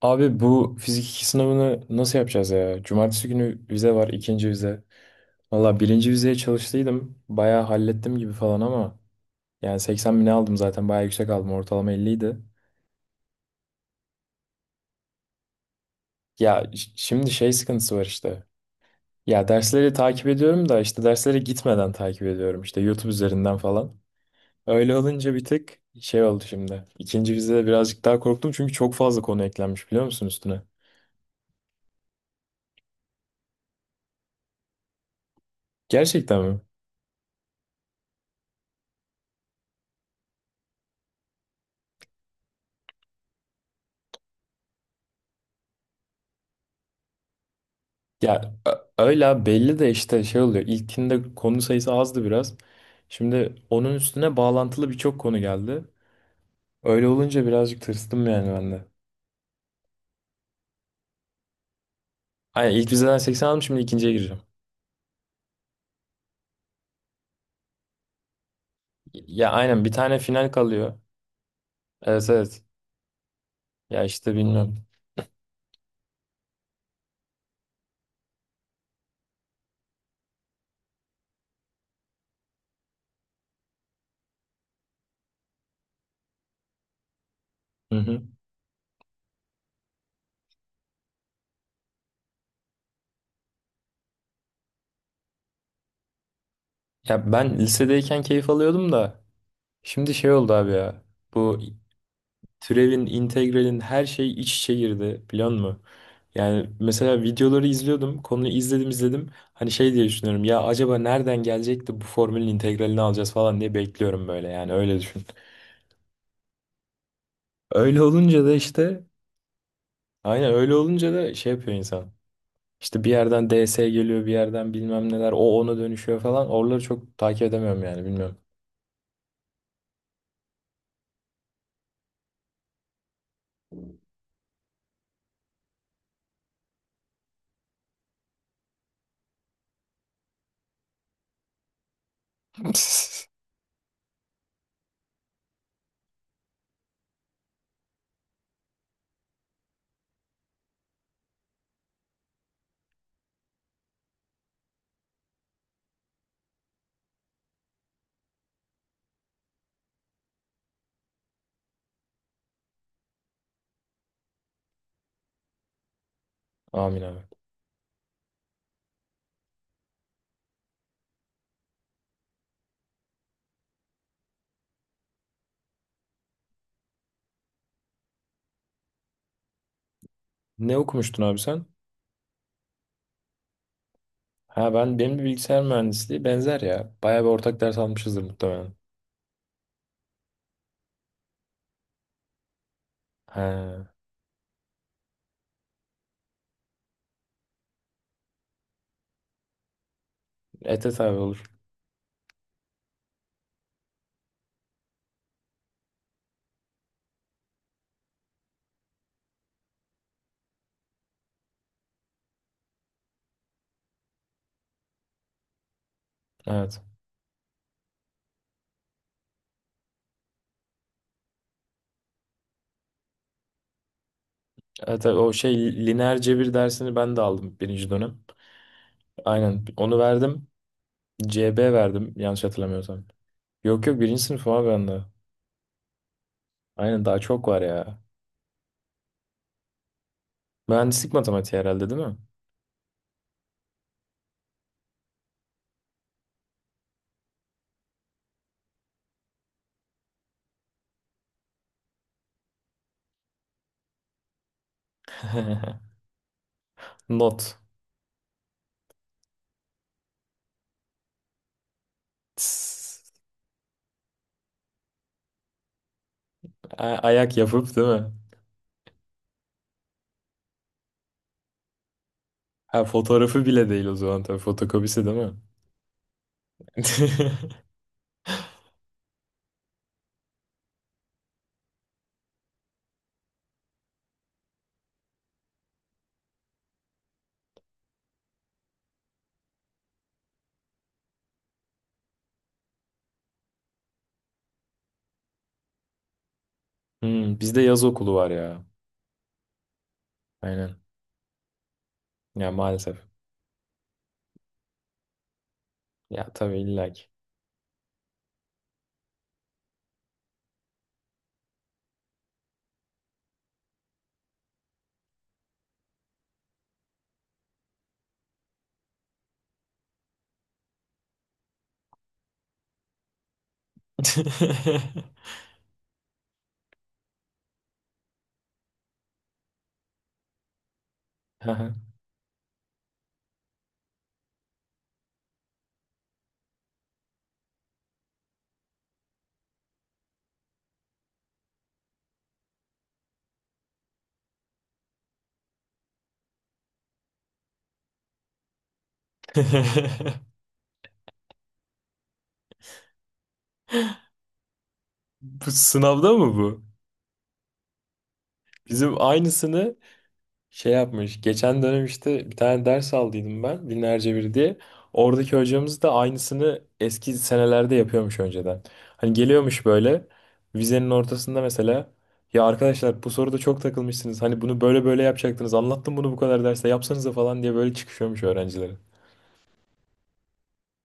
Abi bu fizik 2 sınavını nasıl yapacağız ya? Cumartesi günü vize var, ikinci vize. Valla birinci vizeye çalıştıydım. Bayağı hallettim gibi falan ama yani 80 bine aldım zaten bayağı yüksek aldım. Ortalama 50 idi. Şimdi şey sıkıntısı var işte. Ya dersleri takip ediyorum da işte derslere gitmeden takip ediyorum. İşte YouTube üzerinden falan. Öyle olunca bir tık şey oldu şimdi. İkinci vizede birazcık daha korktum çünkü çok fazla konu eklenmiş biliyor musun üstüne? Gerçekten mi? Öyle belli de işte şey oluyor. İlkinde konu sayısı azdı biraz. Şimdi onun üstüne bağlantılı birçok konu geldi. Öyle olunca birazcık tırstım yani ben de. Aynen ilk vizeden 80 aldım, şimdi ikinciye gireceğim. Ya aynen bir tane final kalıyor. Evet, evet. Ya işte bilmiyorum. Hı hı. Ya ben lisedeyken keyif alıyordum da şimdi şey oldu abi ya. Bu türevin, integralin her şey iç içe girdi biliyor musun? Yani mesela videoları izliyordum. Konuyu izledim, izledim. Hani şey diye düşünüyorum. Ya acaba nereden gelecek de bu formülün integralini alacağız falan diye bekliyorum böyle. Yani öyle düşün. Öyle olunca da işte aynen, öyle olunca da şey yapıyor insan. İşte bir yerden DS geliyor, bir yerden bilmem neler. O ona dönüşüyor falan. Oraları çok takip edemiyorum yani, bilmiyorum. Amin abi. Ne okumuştun abi sen? Ha, benim de bilgisayar mühendisliği, benzer ya. Bayağı bir ortak ders almışızdır muhtemelen. He. Evet, evet abi, olur. Evet. Evet abi, o şey lineer cebir dersini ben de aldım birinci dönem. Aynen, onu verdim. CB verdim yanlış hatırlamıyorsam. Yok yok, birinci sınıfım abi ben de. Aynen, daha çok var ya. Mühendislik matematiği herhalde, değil mi? Not. Tss. Ayak yapıp, değil mi? Ha, fotoğrafı bile değil o zaman, tabii fotokopisi, değil mi? Hmm, bizde yaz okulu var ya. Aynen. Ya maalesef. Ya tabii, illa ki. Bu sınavda mı bu? Bizim aynısını şey yapmış. Geçen dönem işte bir tane ders aldıydım ben. Binlerce bir diye. Oradaki hocamız da aynısını eski senelerde yapıyormuş önceden. Hani geliyormuş böyle vizenin ortasında mesela, ya arkadaşlar bu soruda çok takılmışsınız. Hani bunu böyle böyle yapacaktınız. Anlattım bunu, bu kadar derste yapsanıza falan diye böyle çıkışıyormuş öğrencilere.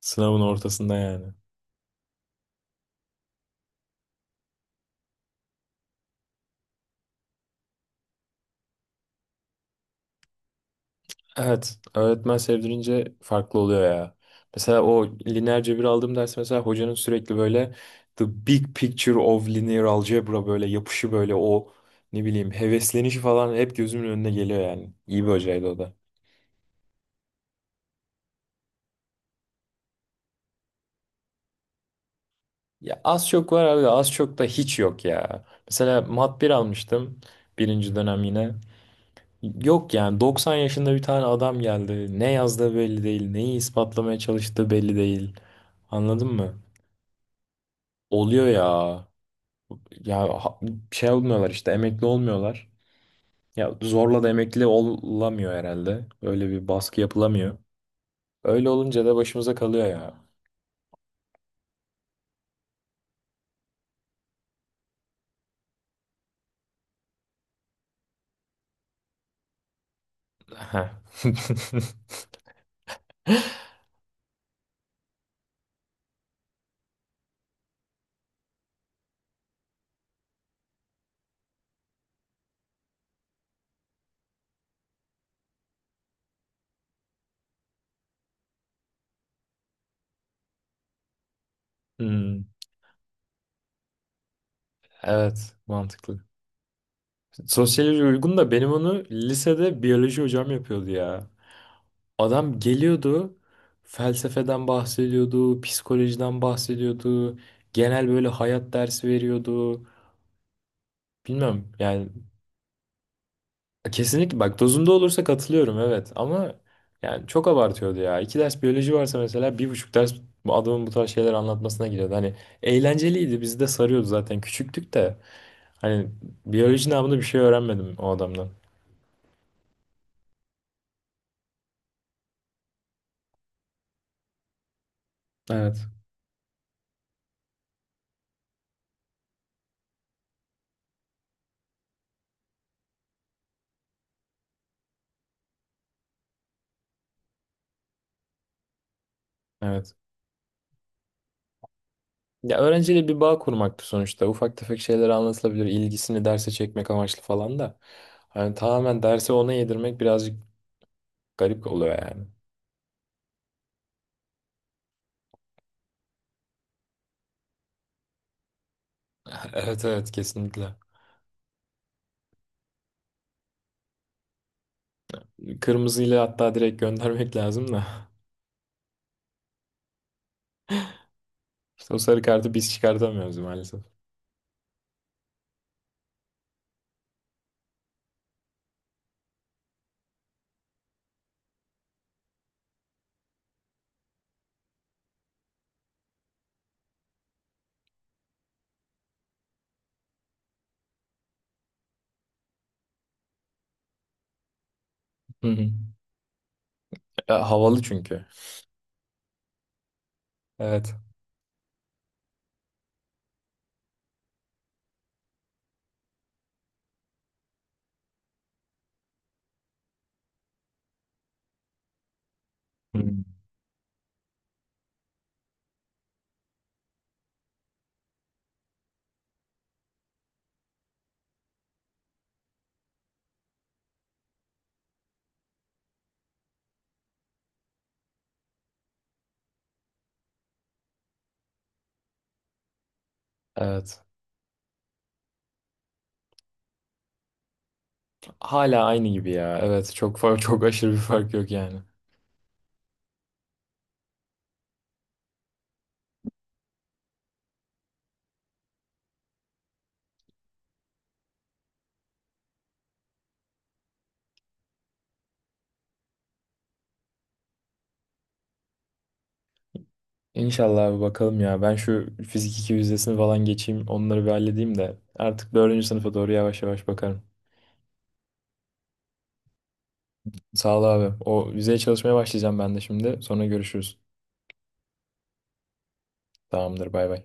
Sınavın ortasında yani. Evet, öğretmen sevdirince farklı oluyor ya. Mesela o lineer cebir aldığım ders, mesela hocanın sürekli böyle "the big picture of linear algebra" böyle yapışı, böyle o ne bileyim heveslenişi falan hep gözümün önüne geliyor yani. İyi bir hocaydı o da. Ya az çok var abi, az çok da hiç yok ya. Mesela mat bir almıştım birinci dönem yine. Yok yani 90 yaşında bir tane adam geldi. Ne yazdığı belli değil, neyi ispatlamaya çalıştığı belli değil. Anladın mı? Oluyor ya. Ya ha- Şey olmuyorlar işte, emekli olmuyorlar. Ya zorla da emekli olamıyor herhalde. Öyle bir baskı yapılamıyor. Öyle olunca da başımıza kalıyor ya. Heh. Hmm, evet, mantıklı. Sosyoloji uygun da, benim onu lisede biyoloji hocam yapıyordu ya. Adam geliyordu, felsefeden bahsediyordu, psikolojiden bahsediyordu. Genel böyle hayat dersi veriyordu. Bilmem yani. Kesinlikle bak, dozunda olursa katılıyorum, evet ama yani çok abartıyordu ya. İki ders biyoloji varsa mesela, bir buçuk ders bu adamın bu tarz şeyler anlatmasına giriyordu. Hani eğlenceliydi, bizi de sarıyordu zaten, küçüktük de, hani biyoloji namında bir şey öğrenmedim o adamdan. Evet. Evet. Ya öğrenciyle bir bağ kurmaktı sonuçta. Ufak tefek şeyler anlatılabilir, ilgisini derse çekmek amaçlı falan da. Hani tamamen dersi ona yedirmek birazcık garip oluyor yani. Evet, evet, kesinlikle. Kırmızıyla hatta direkt göndermek lazım da. İşte o sarı kartı biz çıkartamıyoruz maalesef. Hı hı. E, havalı çünkü. Evet. Hı. Evet. Hala aynı gibi ya. Evet. Çok fark, çok aşırı bir fark yok yani. İnşallah abi, bakalım ya. Ben şu fizik 2 vizesini falan geçeyim. Onları bir halledeyim de. Artık dördüncü sınıfa doğru yavaş yavaş bakarım. Sağ ol abi. O vizeye çalışmaya başlayacağım ben de şimdi. Sonra görüşürüz. Tamamdır, bay bay.